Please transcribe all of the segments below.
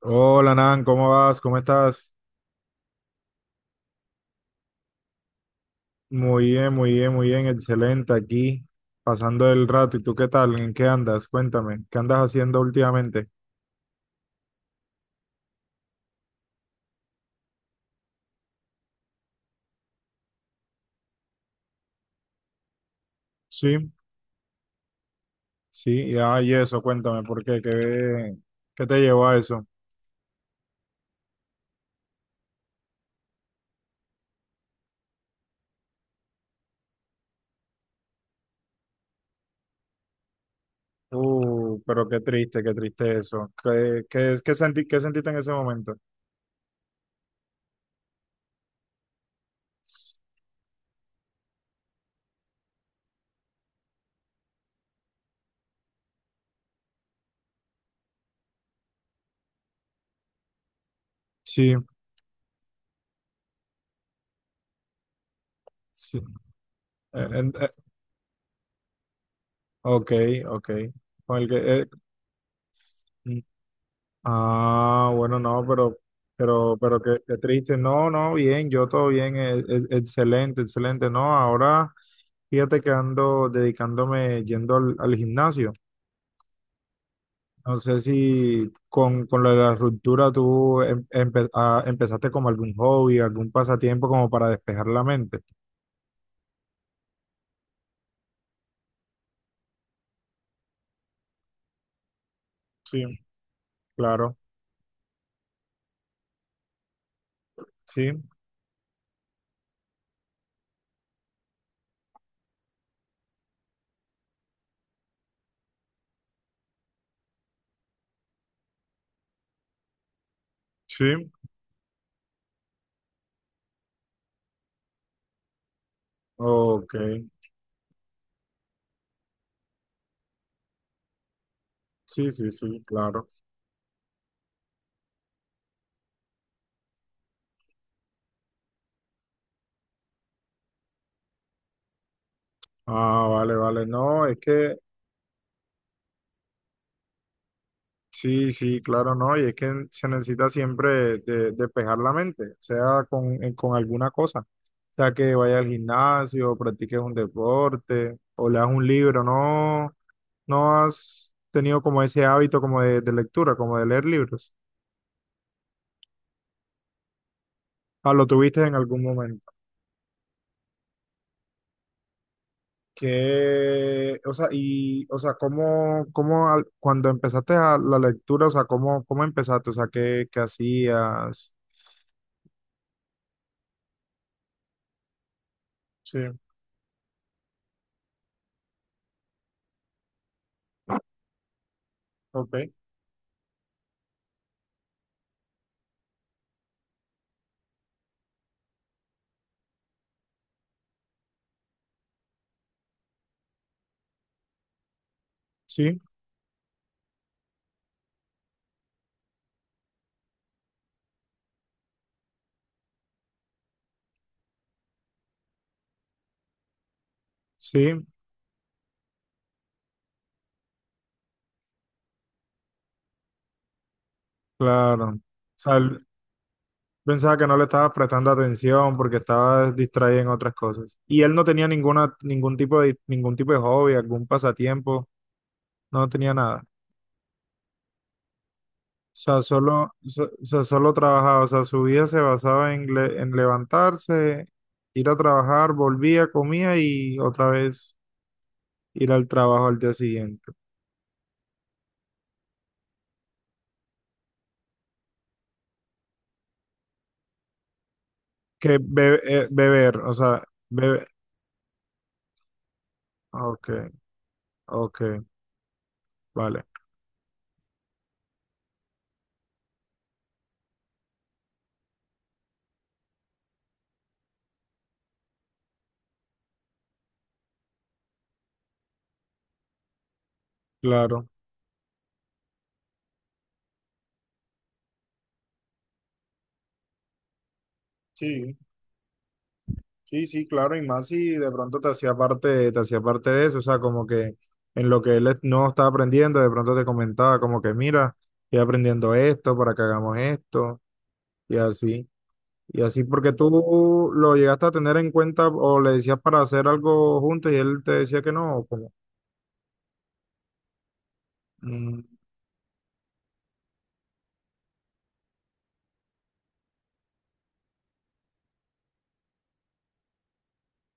Hola Nan, ¿cómo vas? ¿Cómo estás? Muy bien, muy bien, muy bien, excelente aquí, pasando el rato. ¿Y tú qué tal? ¿En qué andas? Cuéntame, ¿qué andas haciendo últimamente? Sí, sí, ah, y eso, cuéntame, ¿por qué? ¿¿Qué te llevó a eso? Pero qué triste eso. ¿¿Qué sentiste en ese momento? Sí, sí. Eh, en- eh, ok, ok. Con el que, eh, ah, bueno, no, pero, pero qué, qué triste. No, no, bien, yo todo bien, excelente, excelente. No, ahora fíjate que ando dedicándome yendo al, al gimnasio. No sé si con, con lo de la ruptura tú empezaste como algún hobby, algún pasatiempo como para despejar la mente. Sí, claro, sí, sí, ok, sí, sí, sí, claro. Ah, vale, vale, no, es que sí, sí, claro, no, y es que se necesita siempre de despejar la mente, sea con alguna cosa, sea que vaya al gimnasio, practiques un deporte o leas un libro. No, no has tenido como ese hábito como de lectura, como de leer libros, ah, lo tuviste en algún momento, que, o sea, y, o sea, cómo, cuando empezaste a la lectura, o sea, cómo, cómo empezaste, o sea, qué, qué hacías, sí, ok, sí, sí. Claro. O sea, él pensaba que no le estaba prestando atención porque estaba distraído en otras cosas. Y él no tenía ninguna, ningún tipo de hobby, algún pasatiempo, no tenía nada. O sea, o sea, solo trabajaba. O sea, su vida se basaba en, en levantarse, ir a trabajar, volvía, comía y otra vez ir al trabajo al día siguiente. Beber, o sea, beber. Ok, ok, vale, claro. Sí, sí, sí, claro, y más si de pronto te hacía parte de eso, o sea, como que en lo que no estaba aprendiendo, de pronto te comentaba como que mira, estoy aprendiendo esto para que hagamos esto, y así, y así porque tú lo llegaste a tener en cuenta o le decías para hacer algo juntos y él te decía que no, o como, mm,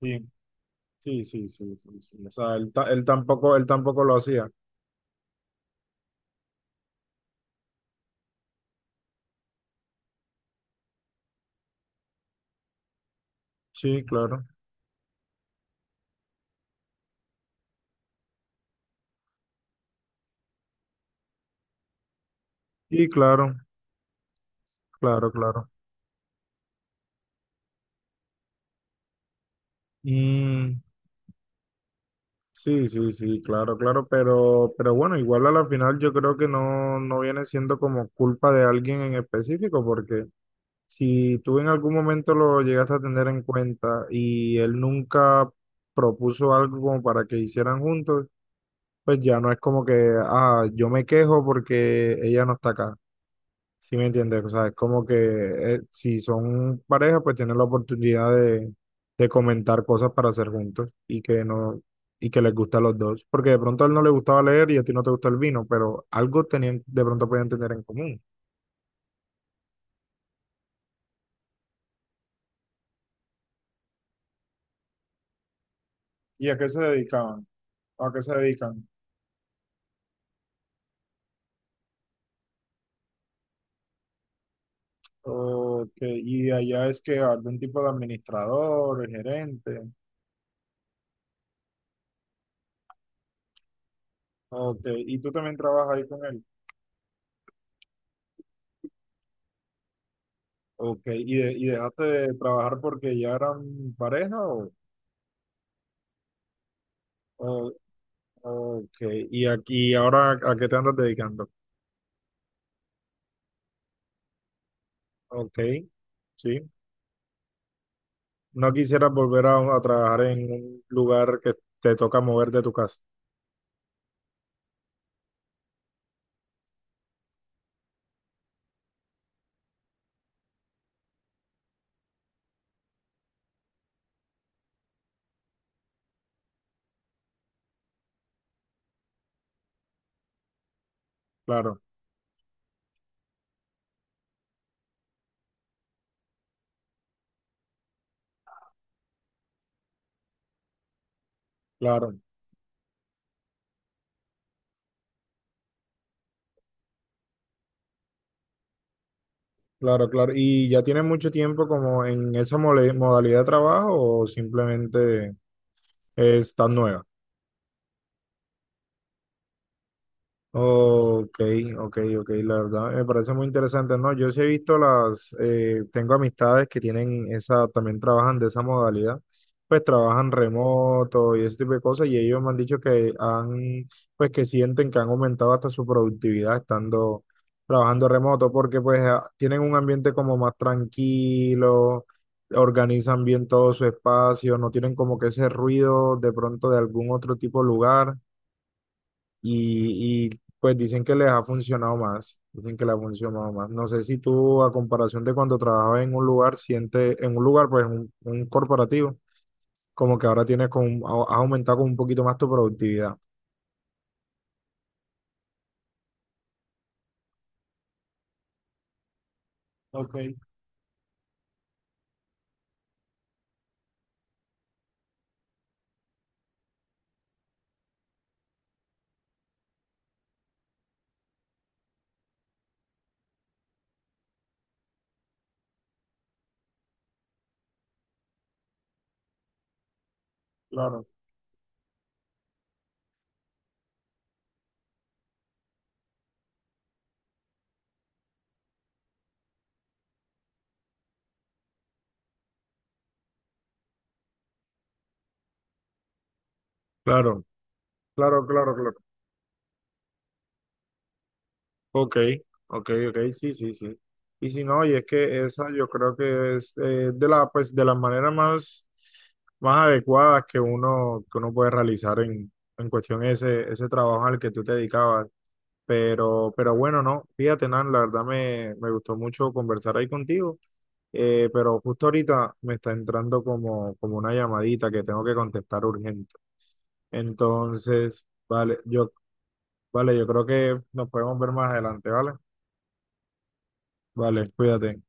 sí, sí, sí, sí, sí, sí, o sea, él, él tampoco lo hacía, sí, claro, y claro, claro, claro. Mm, sí, sí, sí, claro, claro, pero bueno, igual a la final yo creo que no, no viene siendo como culpa de alguien en específico, porque si tú en algún momento lo llegaste a tener en cuenta y él nunca propuso algo como para que hicieran juntos, pues ya no es como que, ah, yo me quejo porque ella no está acá. Sí, me entiendes, o sea, es como que si son pareja, pues tienen la oportunidad de comentar cosas para hacer juntos y que no, y que les gusta a los dos, porque de pronto a él no le gustaba leer y a ti no te gusta el vino, pero algo tenían, de pronto podían tener en común. ¿Y a qué se dedicaban? ¿A qué se dedican? Ok, y allá es que algún tipo de administrador, gerente, ok, y tú también trabajas ahí con él, ok, y, y dejaste de trabajar porque ya eran pareja o, ok, y aquí ahora ¿a qué te andas dedicando? Ok, sí. No quisieras volver a trabajar en un lugar que te toca mover de tu casa. Claro, claro, claro, claro. ¿Y ya tienes mucho tiempo como en esa modalidad de trabajo o simplemente es tan nueva? Ok, ok, ok, la verdad me parece muy interesante, ¿no? Yo sí he visto las, tengo amistades que tienen esa, también trabajan de esa modalidad, pues trabajan remoto y ese tipo de cosas y ellos me han dicho que han, pues que sienten que han aumentado hasta su productividad estando trabajando remoto porque pues tienen un ambiente como más tranquilo, organizan bien todo su espacio, no tienen como que ese ruido de pronto de algún otro tipo de lugar y, pues dicen que les ha funcionado más, dicen que les ha funcionado más. No sé si tú, a comparación de cuando trabajabas en un lugar, sientes, en un lugar, pues un corporativo, como que ahora tienes con, has aumentado con un poquito más tu productividad. Ok, claro. Claro, claro, claro, claro. Ok, ok, ok, sí, sí, sí. Y si no, y es que esa yo creo que es de la, pues, de las maneras más, más adecuadas que uno puede realizar en cuestión ese, ese trabajo al que tú te dedicabas. Pero bueno, no, fíjate, Nan, la verdad me, me gustó mucho conversar ahí contigo, pero justo ahorita me está entrando como, como una llamadita que tengo que contestar urgente. Entonces, vale, yo, vale, yo creo que nos podemos ver más adelante, ¿vale? Vale, cuídate.